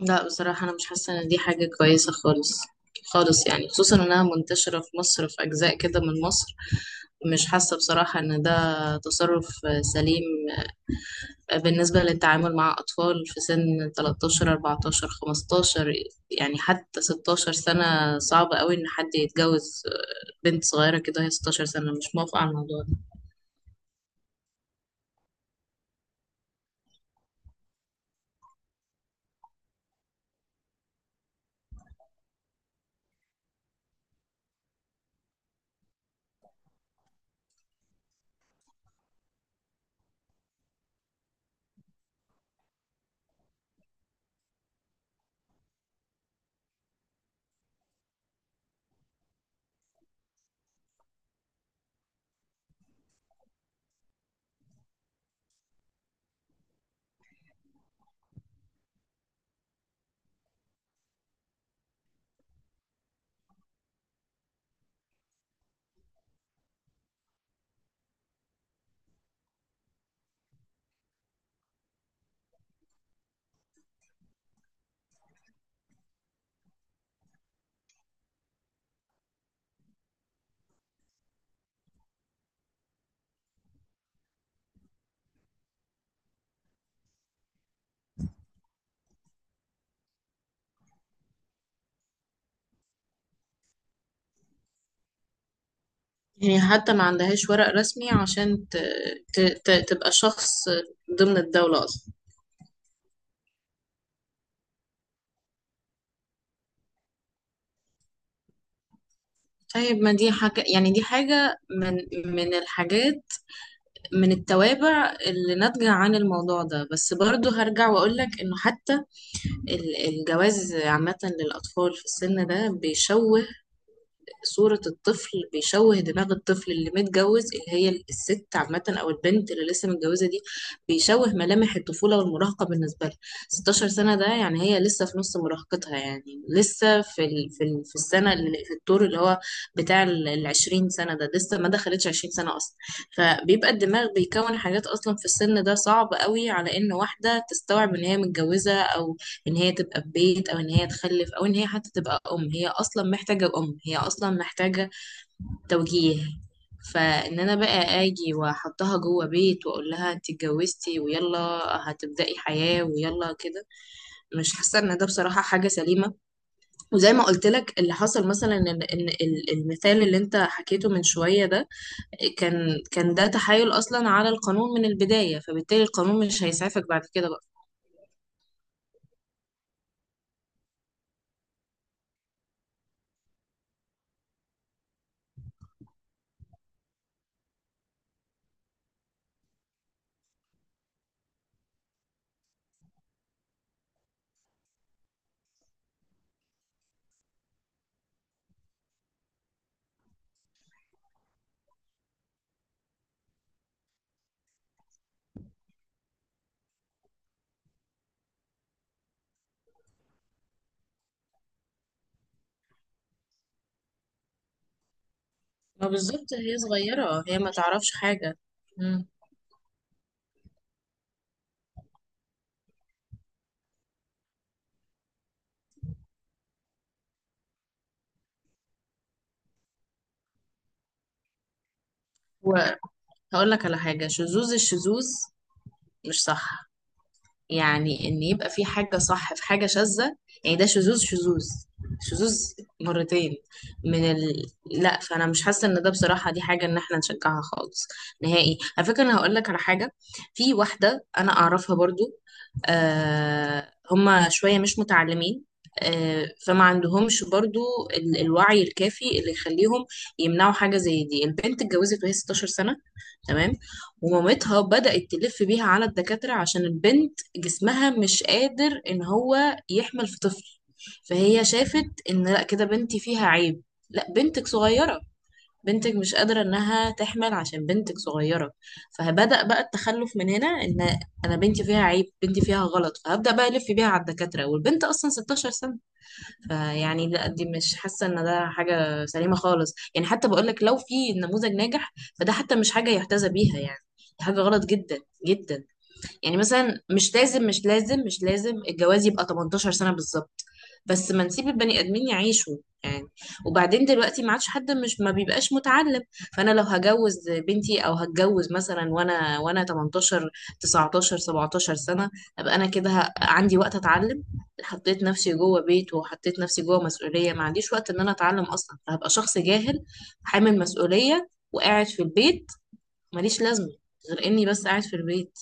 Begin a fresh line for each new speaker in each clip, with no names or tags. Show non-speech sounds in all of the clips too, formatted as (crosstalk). لا، بصراحة أنا مش حاسة إن دي حاجة كويسة خالص خالص. يعني خصوصا إنها منتشرة في مصر، في أجزاء كده من مصر. مش حاسة بصراحة إن ده تصرف سليم. بالنسبة للتعامل مع أطفال في سن 13، 14، 15، يعني حتى 16 سنة، صعب قوي إن حد يتجوز بنت صغيرة كده. هي 16 سنة مش موافقة على الموضوع ده. يعني حتى ما عندهاش ورق رسمي عشان تبقى شخص ضمن الدولة أصلا. طيب، ما دي حاجة، يعني دي حاجة من الحاجات، من التوابع اللي ناتجة عن الموضوع ده. بس برضو هرجع وأقولك إنه حتى الجواز عامة للأطفال في السن ده بيشوه صورة الطفل، بيشوه دماغ الطفل اللي متجوز، اللي هي الست عامة أو البنت اللي لسه متجوزة دي. بيشوه ملامح الطفولة والمراهقة بالنسبة لها. 16 سنة ده يعني هي لسه في نص مراهقتها، يعني لسه في السنة، اللي في الدور اللي هو بتاع ال 20 سنة ده. لسه ما دخلتش 20 سنة أصلا. فبيبقى الدماغ بيكون حاجات أصلا في السن ده صعب قوي على إن واحدة تستوعب إن هي متجوزة، أو ان هي تبقى في بيت، او ان هي تخلف، او ان هي حتى تبقى ام. هي اصلا محتاجة توجيه. فان انا بقى اجي واحطها جوه بيت واقول لها انت اتجوزتي ويلا هتبدأي حياة ويلا كده، مش حاسة ان ده بصراحة حاجة سليمة. وزي ما قلت لك، اللي حصل مثلا، المثال اللي انت حكيته من شوية ده، كان ده تحايل اصلا على القانون من البداية، فبالتالي القانون مش هيسعفك بعد كده بقى. ما بالظبط، هي صغيرة، هي ما تعرفش حاجة. وهقول لك على حاجة، شذوذ الشذوذ مش صح. يعني ان يبقى في حاجة صح في حاجة شاذة، يعني ده شذوذ شذوذ شذوذ مرتين من ال... لا، فانا مش حاسة ان ده بصراحة دي حاجة ان احنا نشجعها خالص، نهائي. على فكرة، انا هقول لك على حاجة. في واحدة انا اعرفها برضو، آه، هما شوية مش متعلمين، فما عندهمش برضو الوعي الكافي اللي يخليهم يمنعوا حاجة زي دي. البنت اتجوزت وهي 16 سنة، تمام، ومامتها بدأت تلف بيها على الدكاترة عشان البنت جسمها مش قادر ان هو يحمل في طفل. فهي شافت ان لا، كده بنتي فيها عيب. لا، بنتك صغيرة، بنتك مش قادرة انها تحمل عشان بنتك صغيرة. فبدأ بقى التخلف من هنا، ان انا بنتي فيها عيب بنتي فيها غلط، فهبدأ بقى الف بيها على الدكاترة والبنت اصلا 16 سنة. فيعني لا، دي مش حاسه ان ده حاجه سليمه خالص. يعني حتى بقول لك لو في نموذج ناجح، فده حتى مش حاجه يحتذى بيها يعني. دي حاجه غلط جدا جدا. يعني مثلا مش لازم مش لازم مش لازم الجواز يبقى 18 سنة بالظبط، بس ما نسيب البني ادمين يعيشوا يعني. وبعدين دلوقتي ما عادش حد مش ما بيبقاش متعلم. فانا لو هجوز بنتي او هتجوز مثلا وانا 18، 19، 17 سنة، ابقى انا كده عندي وقت اتعلم؟ حطيت نفسي جوه بيت، وحطيت نفسي جوه مسؤولية، ما عنديش وقت ان انا اتعلم اصلا، فهبقى شخص جاهل حامل مسؤولية وقاعد في البيت، ماليش لازمة غير اني بس قاعد في البيت.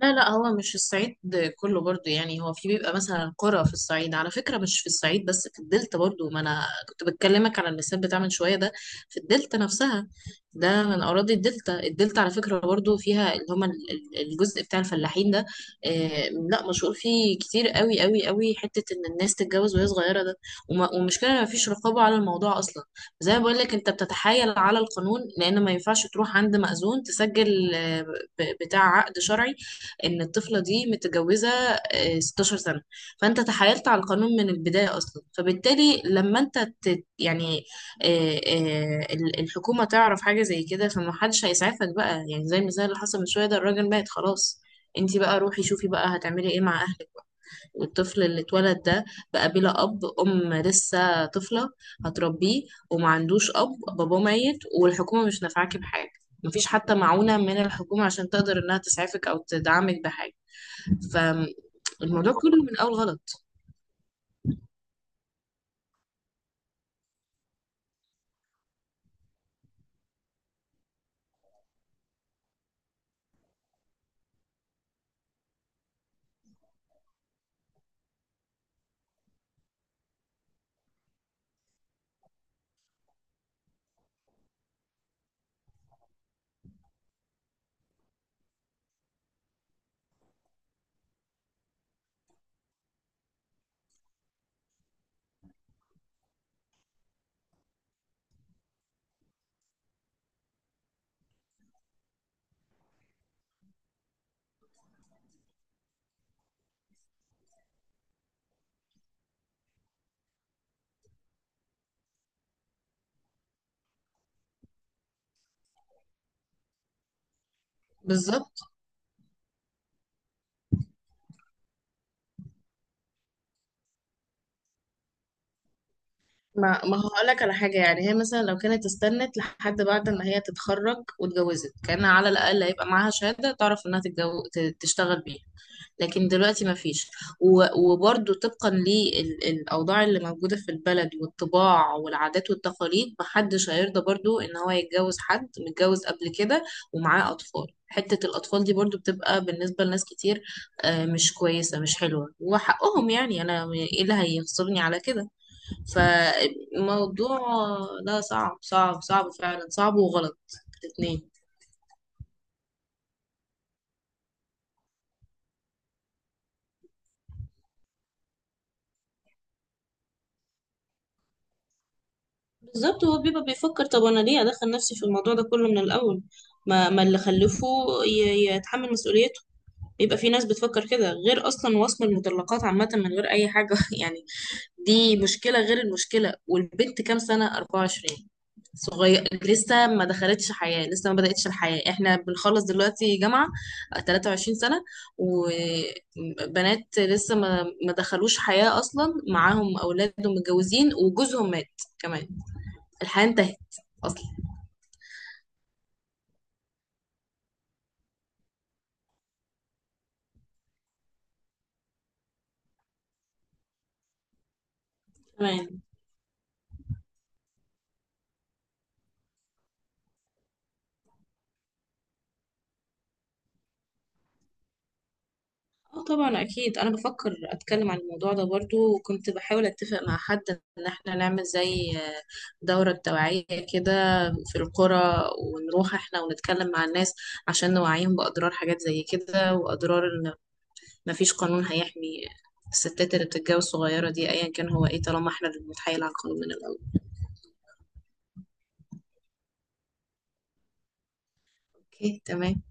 لا لا، هو مش الصعيد كله برضو. يعني هو في بيبقى مثلا قرى في الصعيد، على فكرة مش في الصعيد بس، في الدلتا برضو. ما انا كنت بتكلمك على المثال بتاع من شوية ده في الدلتا نفسها، ده من اراضي الدلتا. الدلتا على فكرة برضو فيها اللي هما الجزء بتاع الفلاحين ده. آه، لا، مشهور فيه كتير قوي قوي قوي حتة ان الناس تتجوز وهي صغيرة ده. ومشكلة ما فيش رقابة على الموضوع اصلا. زي ما بقول لك، انت بتتحايل على القانون، لان ما ينفعش تروح عند مأذون تسجل بتاع عقد شرعي ان الطفله دي متجوزه 16 سنه. فانت تحايلت على القانون من البدايه اصلا، فبالتالي لما انت يعني الحكومه تعرف حاجه زي كده، فمحدش هيسعفك بقى. يعني زي المثال اللي حصل من شويه ده، الراجل مات خلاص، انتي بقى روحي شوفي بقى هتعملي ايه مع اهلك؟ والطفل اللي اتولد ده بقى بلا اب، ام لسه طفله هتربيه وما عندوش اب، باباه ميت، والحكومه مش نافعاكي بحاجه. مفيش حتى معونه من الحكومه عشان تقدر انها تسعفك او تدعمك بحاجه. فالموضوع كله من اول غلط. بالظبط، ما هقول لك على حاجه. يعني هي مثلا لو كانت استنت لحد بعد ما هي تتخرج واتجوزت، كان على الاقل هيبقى معاها شهاده تعرف انها تشتغل بيها. لكن دلوقتي ما فيش. وبرده طبقا للأوضاع اللي موجودة في البلد والطباع والعادات والتقاليد، محدش هيرضى برضو إن هو يتجوز حد متجوز قبل كده ومعاه أطفال. حتة الأطفال دي برضو بتبقى بالنسبة لناس كتير آه، مش كويسة مش حلوة، وحقهم يعني، أنا إيه اللي هيخسرني على كده؟ فالموضوع ده صعب صعب صعب فعلا، صعب وغلط الاتنين. بالظبط، هو بيبقى بيفكر، طب انا ليه ادخل نفسي في الموضوع ده كله من الاول؟ ما اللي خلفه يتحمل مسؤوليته. بيبقى في ناس بتفكر كده، غير اصلا وصم المطلقات عامه من غير اي حاجه (laughs) يعني. دي مشكله غير المشكله. والبنت كام سنه؟ 24، صغير لسه، ما دخلتش حياه، لسه ما بداتش الحياه. احنا بنخلص دلوقتي جامعه 23 سنه، وبنات لسه ما دخلوش حياه اصلا، معاهم اولاد ومتجوزين وجوزهم مات كمان. الحياة انتهت أصلا. تمام. اه طبعا، اكيد انا بفكر اتكلم عن الموضوع ده برضو، وكنت بحاول اتفق مع حد ان احنا نعمل زي دورة توعية كده في القرى، ونروح احنا ونتكلم مع الناس عشان نوعيهم باضرار حاجات زي كده، واضرار ان مفيش قانون هيحمي الستات اللي بتتجوز صغيرة دي، ايا كان هو ايه، طالما احنا اللي بنتحايل على القانون من الاول. اوكي، تمام.